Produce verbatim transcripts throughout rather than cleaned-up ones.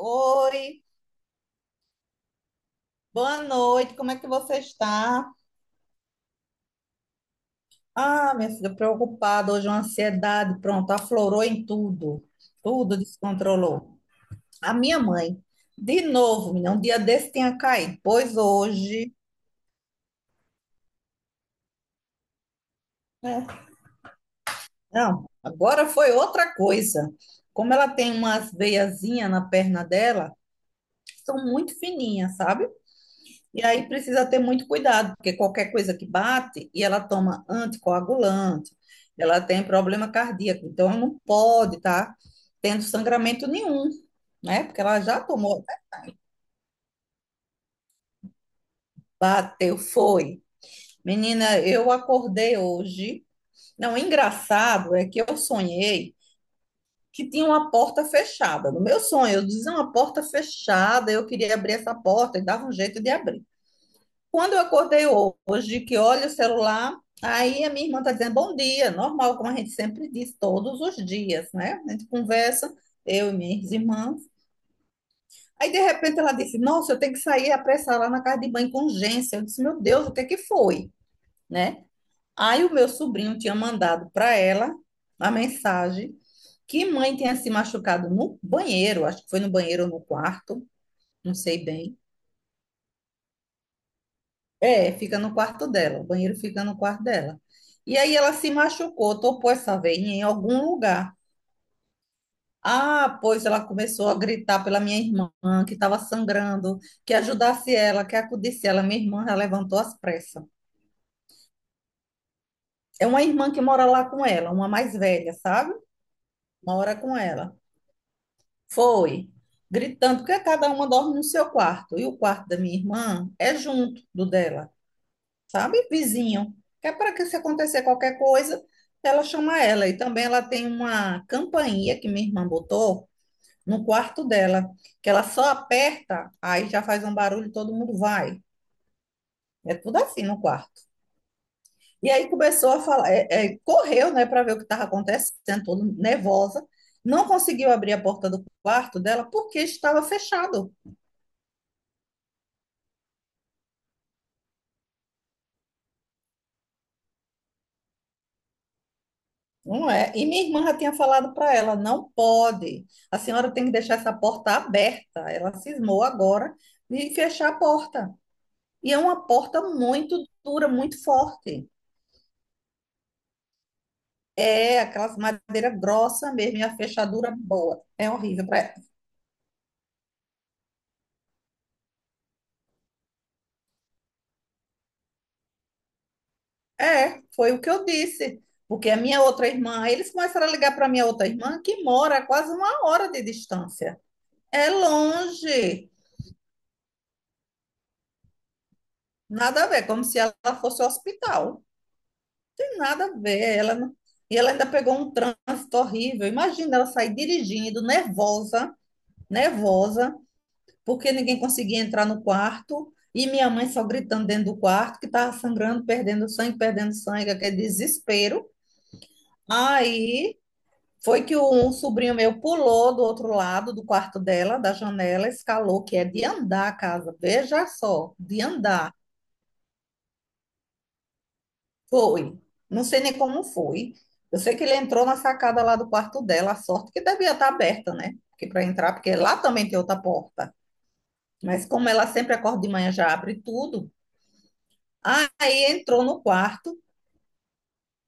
Oi, boa noite, como é que você está? Ah, minha filha, preocupada, hoje uma ansiedade, pronto, aflorou em tudo, tudo descontrolou. A minha mãe, de novo, menina, um dia desse tinha caído, pois hoje, né? Não, agora foi outra coisa. Como ela tem umas veiazinhas na perna dela, são muito fininhas, sabe? E aí precisa ter muito cuidado, porque qualquer coisa que bate e ela toma anticoagulante, ela tem problema cardíaco, então ela não pode estar tendo sangramento nenhum, né? Porque ela já tomou, bateu, foi. Menina, eu acordei hoje. Não, o engraçado é que eu sonhei que tinha uma porta fechada. No meu sonho, eu dizia uma porta fechada, eu queria abrir essa porta e dava um jeito de abrir. Quando eu acordei hoje, que olho o celular, aí a minha irmã está dizendo bom dia, normal, como a gente sempre diz, todos os dias, né? A gente conversa, eu e minhas irmãs. Aí, de repente, ela disse: Nossa, eu tenho que sair apressar lá na casa de banho com urgência. Eu disse: Meu Deus, o que é que foi, né? Aí, o meu sobrinho tinha mandado para ela a mensagem que mãe tinha se machucado no banheiro, acho que foi no banheiro ou no quarto, não sei bem. É, fica no quarto dela, o banheiro fica no quarto dela. E aí ela se machucou, topou essa veinha em algum lugar. Ah, pois ela começou a gritar pela minha irmã, que estava sangrando, que ajudasse ela, que acudisse ela. Minha irmã já levantou às pressas. É uma irmã que mora lá com ela, uma mais velha, sabe? Mora com ela. Foi, gritando, porque cada uma dorme no seu quarto. E o quarto da minha irmã é junto do dela. Sabe? Vizinho. Que é para que se acontecer qualquer coisa, ela chama ela. E também ela tem uma campainha que minha irmã botou no quarto dela, que ela só aperta, aí já faz um barulho, e todo mundo vai. É tudo assim no quarto. E aí começou a falar, é, é, correu, né, para ver o que estava acontecendo, toda nervosa. Não conseguiu abrir a porta do quarto dela porque estava fechado. Não é? E minha irmã já tinha falado para ela, não pode. A senhora tem que deixar essa porta aberta. Ela cismou agora de fechar a porta. E é uma porta muito dura, muito forte. É aquelas madeira grossa mesmo, e a fechadura boa. É horrível para ela. É, foi o que eu disse. Porque a minha outra irmã, eles começaram a ligar para a minha outra irmã, que mora a quase uma hora de distância. É longe. Nada a ver, como se ela fosse ao hospital. Nada a ver. Ela não- E ela ainda pegou um trânsito horrível. Imagina ela sair dirigindo, nervosa, nervosa, porque ninguém conseguia entrar no quarto. E minha mãe só gritando dentro do quarto, que estava sangrando, perdendo sangue, perdendo sangue, aquele desespero. Aí foi que um sobrinho meu pulou do outro lado do quarto dela, da janela, escalou, que é de andar a casa. Veja só, de andar. Foi. Não sei nem como foi. Eu sei que ele entrou na sacada lá do quarto dela, a sorte que devia estar aberta, né? Porque para entrar, porque lá também tem outra porta. Mas como ela sempre acorda de manhã, já abre tudo. Aí entrou no quarto,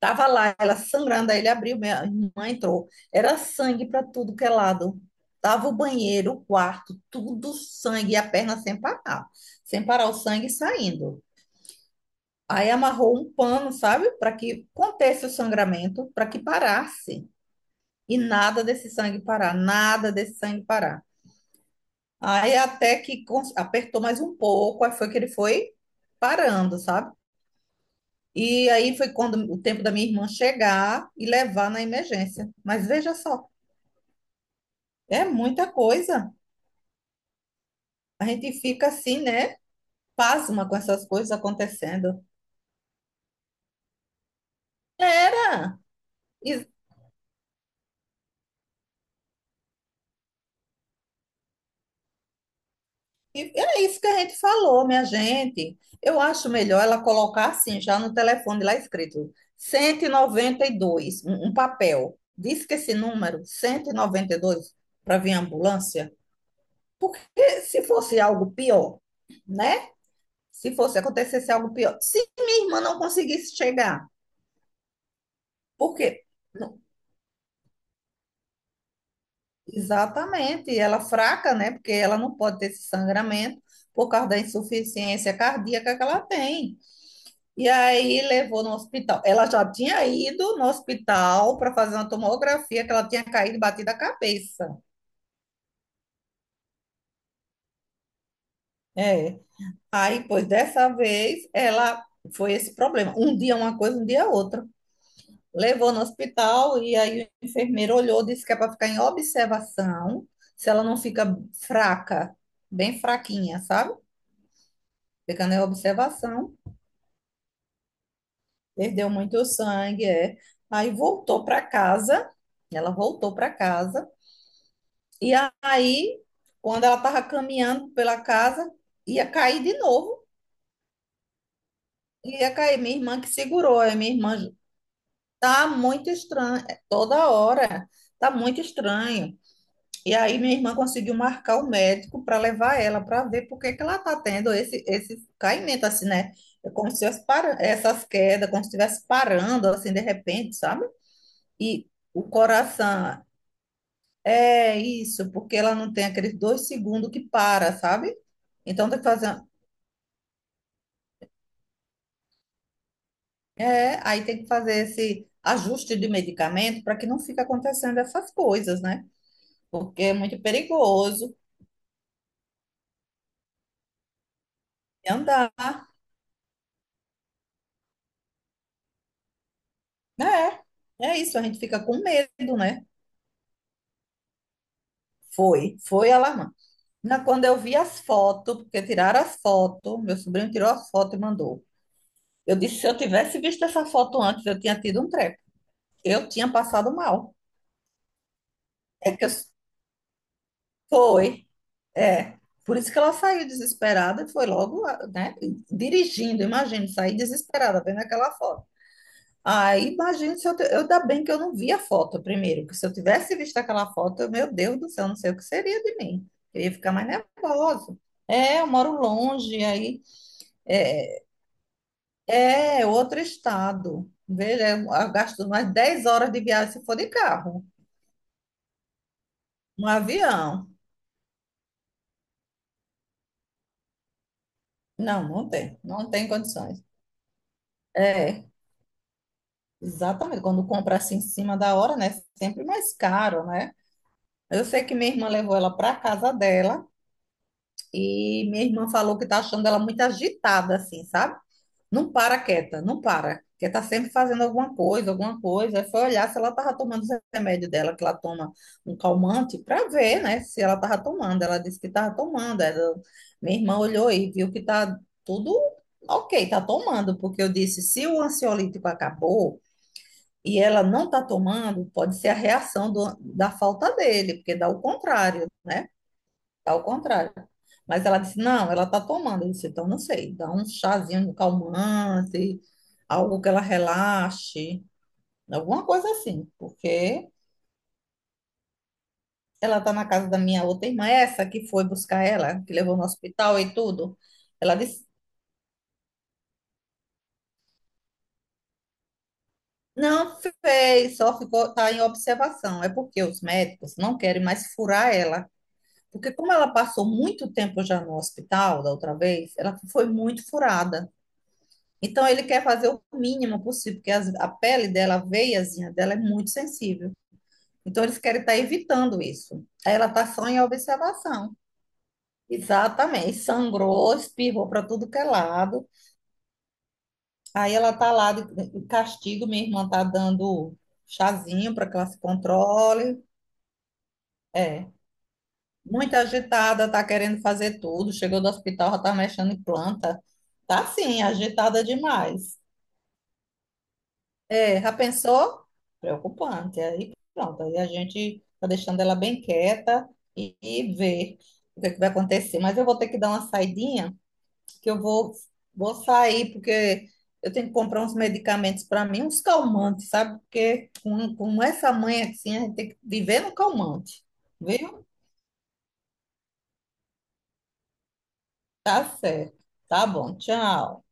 tava lá, ela sangrando, aí ele abriu, minha irmã entrou. Era sangue para tudo que é lado. Tava o banheiro, o quarto, tudo sangue, e a perna sem parar. Sem parar o sangue saindo. Aí amarrou um pano, sabe? Para que contesse o sangramento, para que parasse. E nada desse sangue parar, nada desse sangue parar. Aí até que cons- apertou mais um pouco, aí foi que ele foi parando, sabe? E aí foi quando o tempo da minha irmã chegar e levar na emergência. Mas veja só, é muita coisa. A gente fica assim, né? Pasma com essas coisas acontecendo. Era! E é isso que a gente falou, minha gente. Eu acho melhor ela colocar assim, já no telefone lá escrito cento e noventa e dois, um, um papel. Diz que esse número, cento e e noventa e dois para vir ambulância, porque se fosse algo pior, né? Se fosse acontecesse algo pior, se minha irmã não conseguisse chegar, porque não- exatamente, ela fraca, né? Porque ela não pode ter esse sangramento por causa da insuficiência cardíaca que ela tem. E aí levou no hospital. Ela já tinha ido no hospital para fazer uma tomografia, que ela tinha caído e batido a cabeça. É. Aí, pois dessa vez, ela foi esse problema. Um dia uma coisa, um dia outra. Levou no hospital e aí o enfermeiro olhou, disse que é para ficar em observação, se ela não fica fraca, bem fraquinha, sabe? Ficando em observação, perdeu muito sangue, é. Aí voltou para casa, ela voltou para casa. E aí, quando ela estava caminhando pela casa, ia cair de novo. Ia cair. Minha irmã que segurou. Aí minha irmã, tá muito estranho. Toda hora, tá muito estranho. E aí minha irmã conseguiu marcar o médico para levar ela para ver por que que ela tá tendo esse, esse caimento, assim, né? É como se tivesse para- essas quedas, como se estivesse parando, assim, de repente, sabe? E o coração é isso, porque ela não tem aqueles dois segundos que para, sabe? Então tem que fazer. É, aí tem que fazer esse ajuste de medicamento para que não fique acontecendo essas coisas, né? Porque é muito perigoso andar. É, é isso, a gente fica com medo, né? Foi, foi alarmante. Na- Quando eu vi as fotos, porque tiraram as fotos, meu sobrinho tirou as fotos e mandou. Eu disse, se eu tivesse visto essa foto antes, eu tinha tido um treco. Eu tinha passado mal. É que eu... Foi. É, por isso que ela saiu desesperada e foi logo, né, dirigindo, imagina, sair desesperada vendo aquela foto. Aí, imagina se eu, te- eu ainda bem que eu não vi a foto primeiro, porque se eu tivesse visto aquela foto, eu, meu Deus do céu, não sei o que seria de mim. Eu ia ficar mais nervosa. É, eu moro longe, aí é, é outro estado. Veja, eu gasto mais dez horas de viagem se for de carro, um avião. Não, não tem, não tem condições. É. Exatamente, quando compra assim em cima da hora, né? Sempre mais caro, né? Eu sei que minha irmã levou ela para casa dela e minha irmã falou que tá achando ela muito agitada, assim, sabe? Não para quieta, não para. Porque tá sempre fazendo alguma coisa, alguma coisa. Aí foi olhar se ela tava tomando os remédios dela, que ela toma um calmante, para ver, né? Se ela tava tomando. Ela disse que tava tomando. Ela- Minha irmã olhou e viu que tá tudo ok, tá tomando. Porque eu disse, se o ansiolítico acabou e ela não está tomando, pode ser a reação do- da falta dele, porque dá o contrário, né? Dá o contrário. Mas ela disse, não, ela está tomando. Eu disse, então não sei, dá um chazinho calmante, algo que ela relaxe, alguma coisa assim, porque ela está na casa da minha outra irmã, essa que foi buscar ela, que levou no hospital e tudo. Ela disse, não fez, só ficou, tá em observação. É porque os médicos não querem mais furar ela. Porque como ela passou muito tempo já no hospital da outra vez, ela foi muito furada. Então ele quer fazer o mínimo possível, porque as- a pele dela, a veiazinha dela é muito sensível. Então eles querem estar evitando isso. Aí ela está só em observação. Exatamente. Sangrou, espirrou para tudo que é lado. Aí ela está lá de de castigo, minha irmã está dando chazinho para que ela se controle. É. Muito agitada, tá querendo fazer tudo. Chegou do hospital, já tá mexendo em planta. Tá sim, agitada demais. É, já pensou? Preocupante. Aí pronto, aí a gente tá deixando ela bem quieta e, e ver o que é que vai acontecer. Mas eu vou ter que dar uma saidinha, que eu vou, vou sair, porque eu tenho que comprar uns medicamentos para mim, uns calmantes, sabe? Porque com, com essa mãe assim, a gente tem que viver no calmante, viu? Tá certo. Tá bom, tchau.